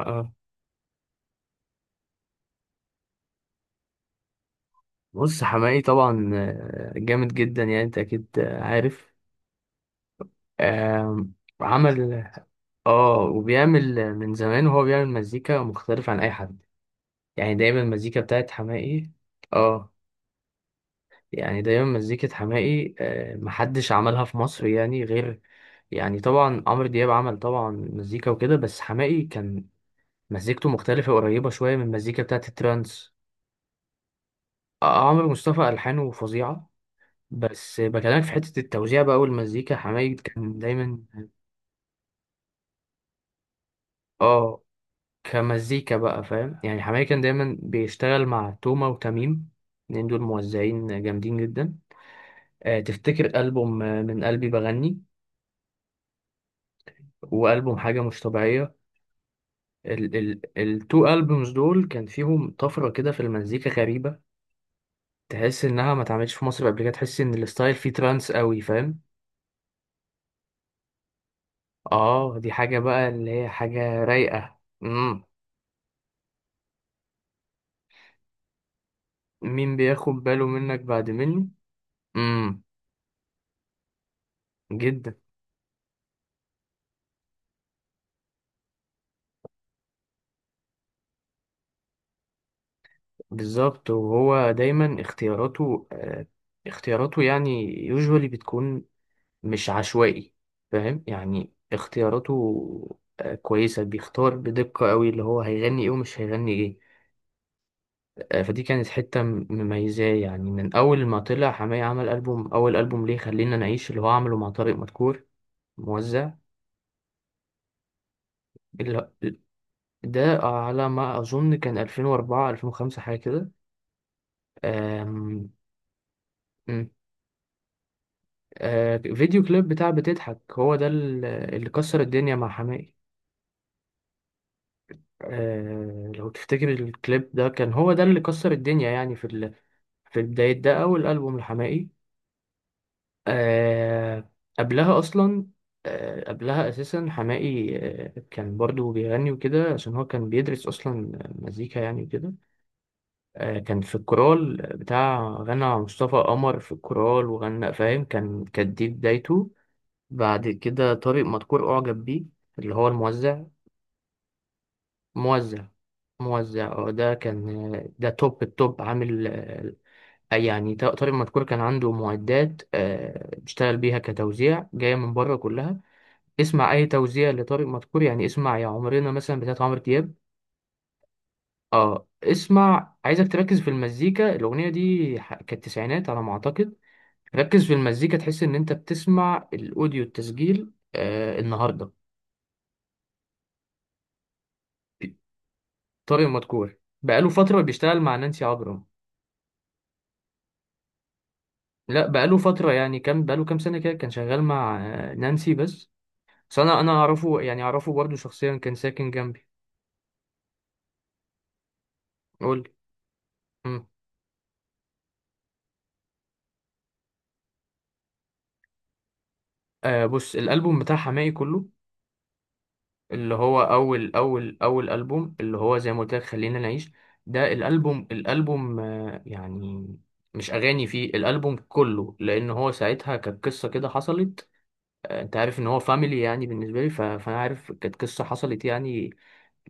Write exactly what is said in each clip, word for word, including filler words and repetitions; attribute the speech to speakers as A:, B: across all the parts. A: آه. بص حماقي طبعا آه، جامد جدا يعني انت اكيد آه، عارف. آه، عمل. اه وبيعمل آه، من زمان وهو بيعمل مزيكا مختلف عن اي حد. يعني دايما المزيكا بتاعت حماقي. اه. يعني دايما مزيكة حماقي آه، محدش عملها في مصر يعني غير. يعني طبعا عمرو دياب عمل طبعا مزيكا وكده، بس حماقي كان مزيكته مختلفة قريبة شوية من المزيكا بتاعت الترانس. آه، عمرو مصطفى ألحانه فظيعة. بس بكلمك في حتة التوزيع بقى والمزيكا، حمايد كان دايما. اه، كمزيكا بقى، فاهم يعني؟ حمايد كان دايما بيشتغل مع توما وتميم، الاتنين دول موزعين جامدين جدا. آه تفتكر ألبوم آه، من قلبي بغني وألبوم حاجة مش طبيعية؟ ال ال التو ألبومز دول كان فيهم طفرة كده في المزيكا غريبة. تحس إنها ما اتعملتش في مصر قبل كده، تحس إن الستايل فيه ترانس قوي، فاهم؟ اه، دي حاجة بقى اللي هي حاجة رايقة. مين بياخد باله منك بعد مني. امم جدا. بالظبط، وهو دايما اختياراته آه اختياراته يعني يوجوالي بتكون مش عشوائي، فاهم يعني؟ اختياراته آه كويسة، بيختار بدقة قوي اللي هو هيغني ايه ومش هيغني ايه. آه فدي كانت حتة م- مميزاه يعني. من اول ما طلع حماية، عمل ألبوم، اول ألبوم ليه خلينا نعيش اللي هو عمله مع طارق مدكور موزع. اللي- ده على ما اظن كان ألفين وأربعة ألفين وخمسة حاجة كده. آم، م، آه، فيديو كليب بتاع بتضحك، هو ده ال- اللي كسر الدنيا مع حماقي. آه، لو تفتكر الكليب ده كان هو ده اللي كسر الدنيا يعني، في ال... في بداية ده، أول ألبوم لحماقي. آه، قبلها أصلا، آه، قبلها أساسا حماقي آه، كان برضو بيغني وكده، عشان هو كان بيدرس أصلا مزيكا يعني وكده. آه، كان في الكورال بتاع، غنى مع مصطفى قمر في الكورال وغنى، فاهم؟ كان كانت دي بدايته. بعد كده طارق مدكور أعجب بيه، اللي هو الموزع. موزع، موزع اه ده كان. ده توب التوب عامل. آه، يعني ط- طارق مدكور كان عنده معدات آه، بيشتغل بيها كتوزيع، جاية من بره كلها. اسمع أي توزيع لطارق مدكور، يعني اسمع يا عمرنا مثلا بتاعت عمرو دياب. اه، اسمع. عايزك تركز في المزيكا، الأغنية دي ح- كانت تسعينات على ما أعتقد. ركز في المزيكا، تحس إن أنت بتسمع الأوديو التسجيل آه، النهاردة. طارق مدكور بقاله فترة بيشتغل مع نانسي عجرم. لا، بقاله فترة، يعني كام، بقاله كام سنة كده، كان شغال مع آه، نانسي بس. بس أنا أنا أعرفه، يعني أعرفه برضه شخصيا، كان ساكن جنبي. قول لي. مم. آه بص الألبوم بتاع حماقي كله، اللي هو أول أول أول ألبوم، اللي هو زي ما قلت لك خلينا نعيش. ده الألبوم، الألبوم آه يعني مش أغاني فيه، الألبوم كله، لأن هو ساعتها كانت قصة كده حصلت. آه، انت عارف ان هو فاميلي يعني بالنسبه لي، ف- فانا عارف كانت قصه حصلت يعني.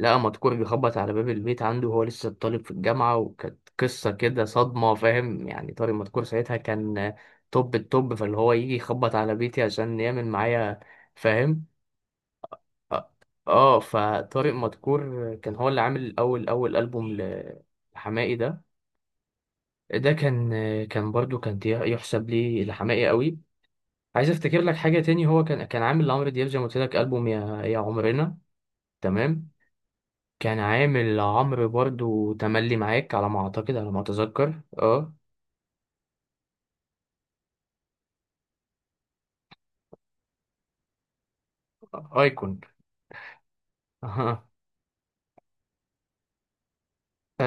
A: لقى مدكور بيخبط على باب البيت عنده، وهو لسه طالب في الجامعة، وكانت قصة كده صدمة، فاهم يعني؟ طارق مدكور ساعتها كان توب التوب، فاللي هو يجي يخبط على بيتي عشان يعمل معايا، فاهم. اه آه، فطارق مدكور كان هو اللي عامل أول أول ألبوم ل- لحماقي ده. ده كان كان برضو كان يحسب لي لحماقي قوي. عايز افتكر لك حاجة تاني، هو كان كان عامل لعمرو دياب زي ما قلت لك ألبوم يا يا عمرنا، تمام. كان عامل عمرو برضو تملي معاك على ما اعتقد، على ما اتذكر. اه ايكون. اها. ف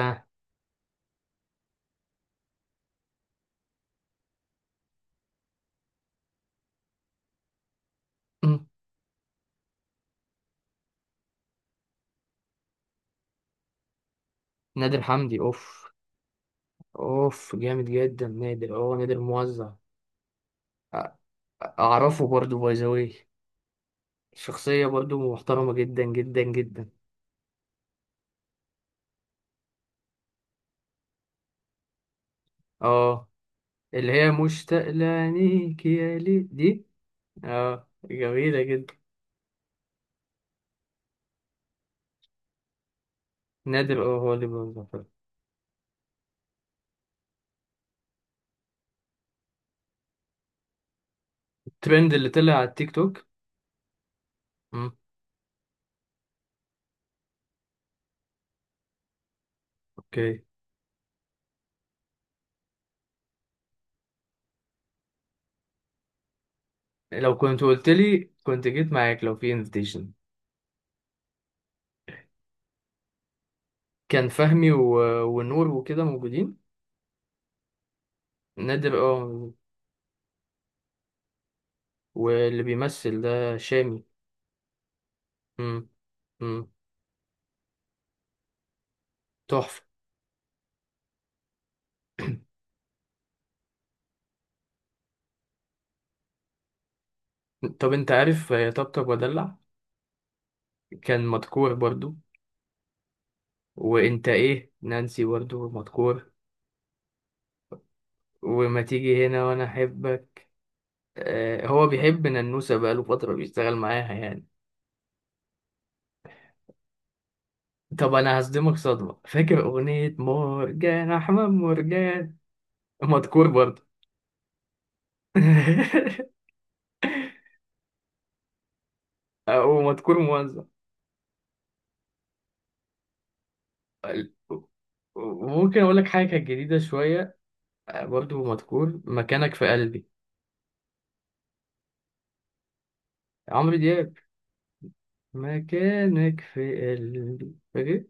A: مم. نادر حمدي، اوف. اوف جامد جدا نادر، اه نادر موزع. أ- اعرفه برضو، باي ذا واي. شخصية برضو محترمة جدا جدا جدا. اه، اللي هي مشتاق لعينيك يا ليل دي. اه، جميلة جدا. نادر، اه هو اللي بيوزع. فعلا. الترند اللي طلع على التيك توك. مم. اوكي. لو كنت قلت لي كنت جيت معاك لو في انفيتيشن. كان فهمي و... ونور وكده موجودين. نادر اه موجود. واللي بيمثل ده شامي. امم امم تحفة. طب انت عارف آه، طبطب ودلع؟ كان مدكور برضو. وانت ايه، نانسي برضو مدكور. وما تيجي هنا، وانا احبك. آه هو بيحب ننوسة، بقاله فترة بيشتغل معاها يعني. طب انا هصدمك صدمة، فاكر اغنية مرجان احمد مرجان؟ مدكور برضو. او مدكون موزع. ال- وممكن اقول لك حاجه كانت جديده شويه، آه، برضو مدكون، مكانك في قلبي. عمرو دياب. مكانك في قلبي، فاكر؟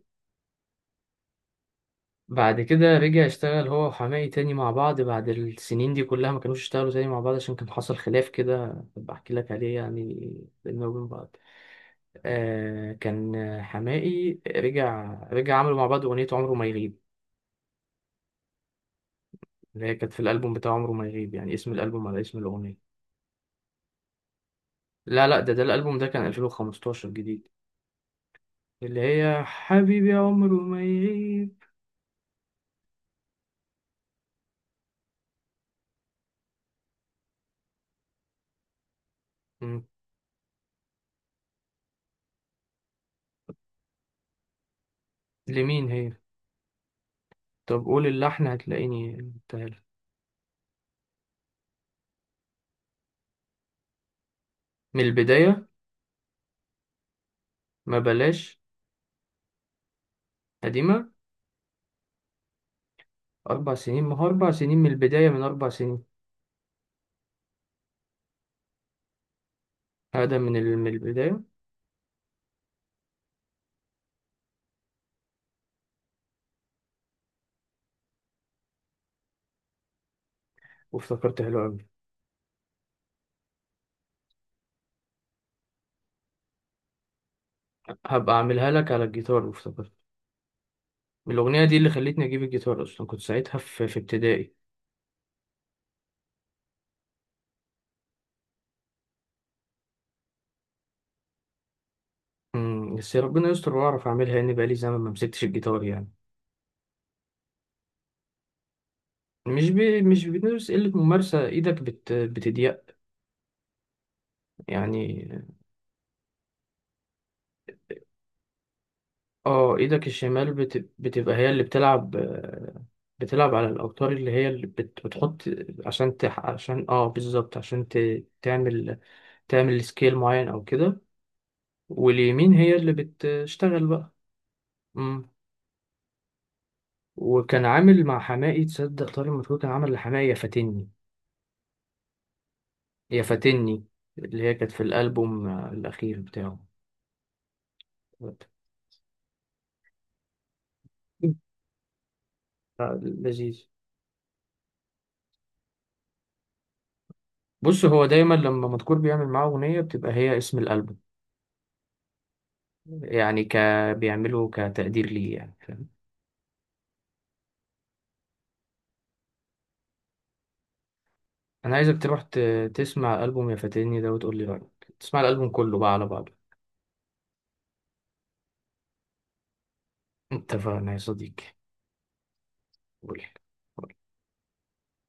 A: بعد كده رجع اشتغل هو وحماقي تاني مع بعض، بعد السنين دي كلها ما كانوش اشتغلوا تاني مع بعض، عشان كان حصل خلاف كده، بحكي لك عليه يعني بيننا وبين بعض. آه كان حماقي رجع، رجع عملوا مع بعض اغنيه عمره ما يغيب، اللي هي كانت في الالبوم بتاع عمره ما يغيب، يعني اسم الالبوم على اسم الاغنيه. لا لا، ده ده الالبوم ده كان ألفين وخمستاشر جديد. اللي هي حبيبي يا عمر وما يغيب. مم. لمين هي؟ طب قول اللحن، هتلاقيني، قلتها لك. من البداية. ما بلاش. قديمة. أربع سنين؟ ما هو أربع سنين من البداية، من أربع سنين. هذا من ال- من البداية. وافتكرت حلو أوي. هبقى أعملها لك على الجيتار وافتكرت. الأغنية دي اللي خلتني أجيب الجيتار أصلا، كنت ساعتها في في ابتدائي. مم. بس ربنا يستر وأعرف أعملها، لأن بقالي زمان ما مسكتش الجيتار يعني. مش بي... مش بتدرس، قلة ممارسة، ايدك بت... بتضيق يعني. اه، ايدك الشمال بت... بتبقى هي اللي بتلعب، بتلعب على الأوتار اللي هي اللي بت... بتحط، عشان تح... عشان اه بالظبط، عشان ت... تعمل تعمل سكيل معين او كده. واليمين هي اللي بتشتغل بقى. مم. وكان عامل مع حماقي، تصدق طارق مدحور كان عامل لحماقي يا فاتني؟ يا فاتني اللي هي كانت في الألبوم الأخير بتاعه. لذيذ. بص، هو دايما لما مذكور بيعمل معاه أغنية، بتبقى هي اسم الألبوم، يعني ك بيعمله كتقدير ليه يعني، فاهم؟ أنا عايزك تروح ت... تسمع ألبوم يا فاتني ده وتقول لي رأيك، تسمع الألبوم كله بقى على بعضه. اتفقنا يا صديقي. قول.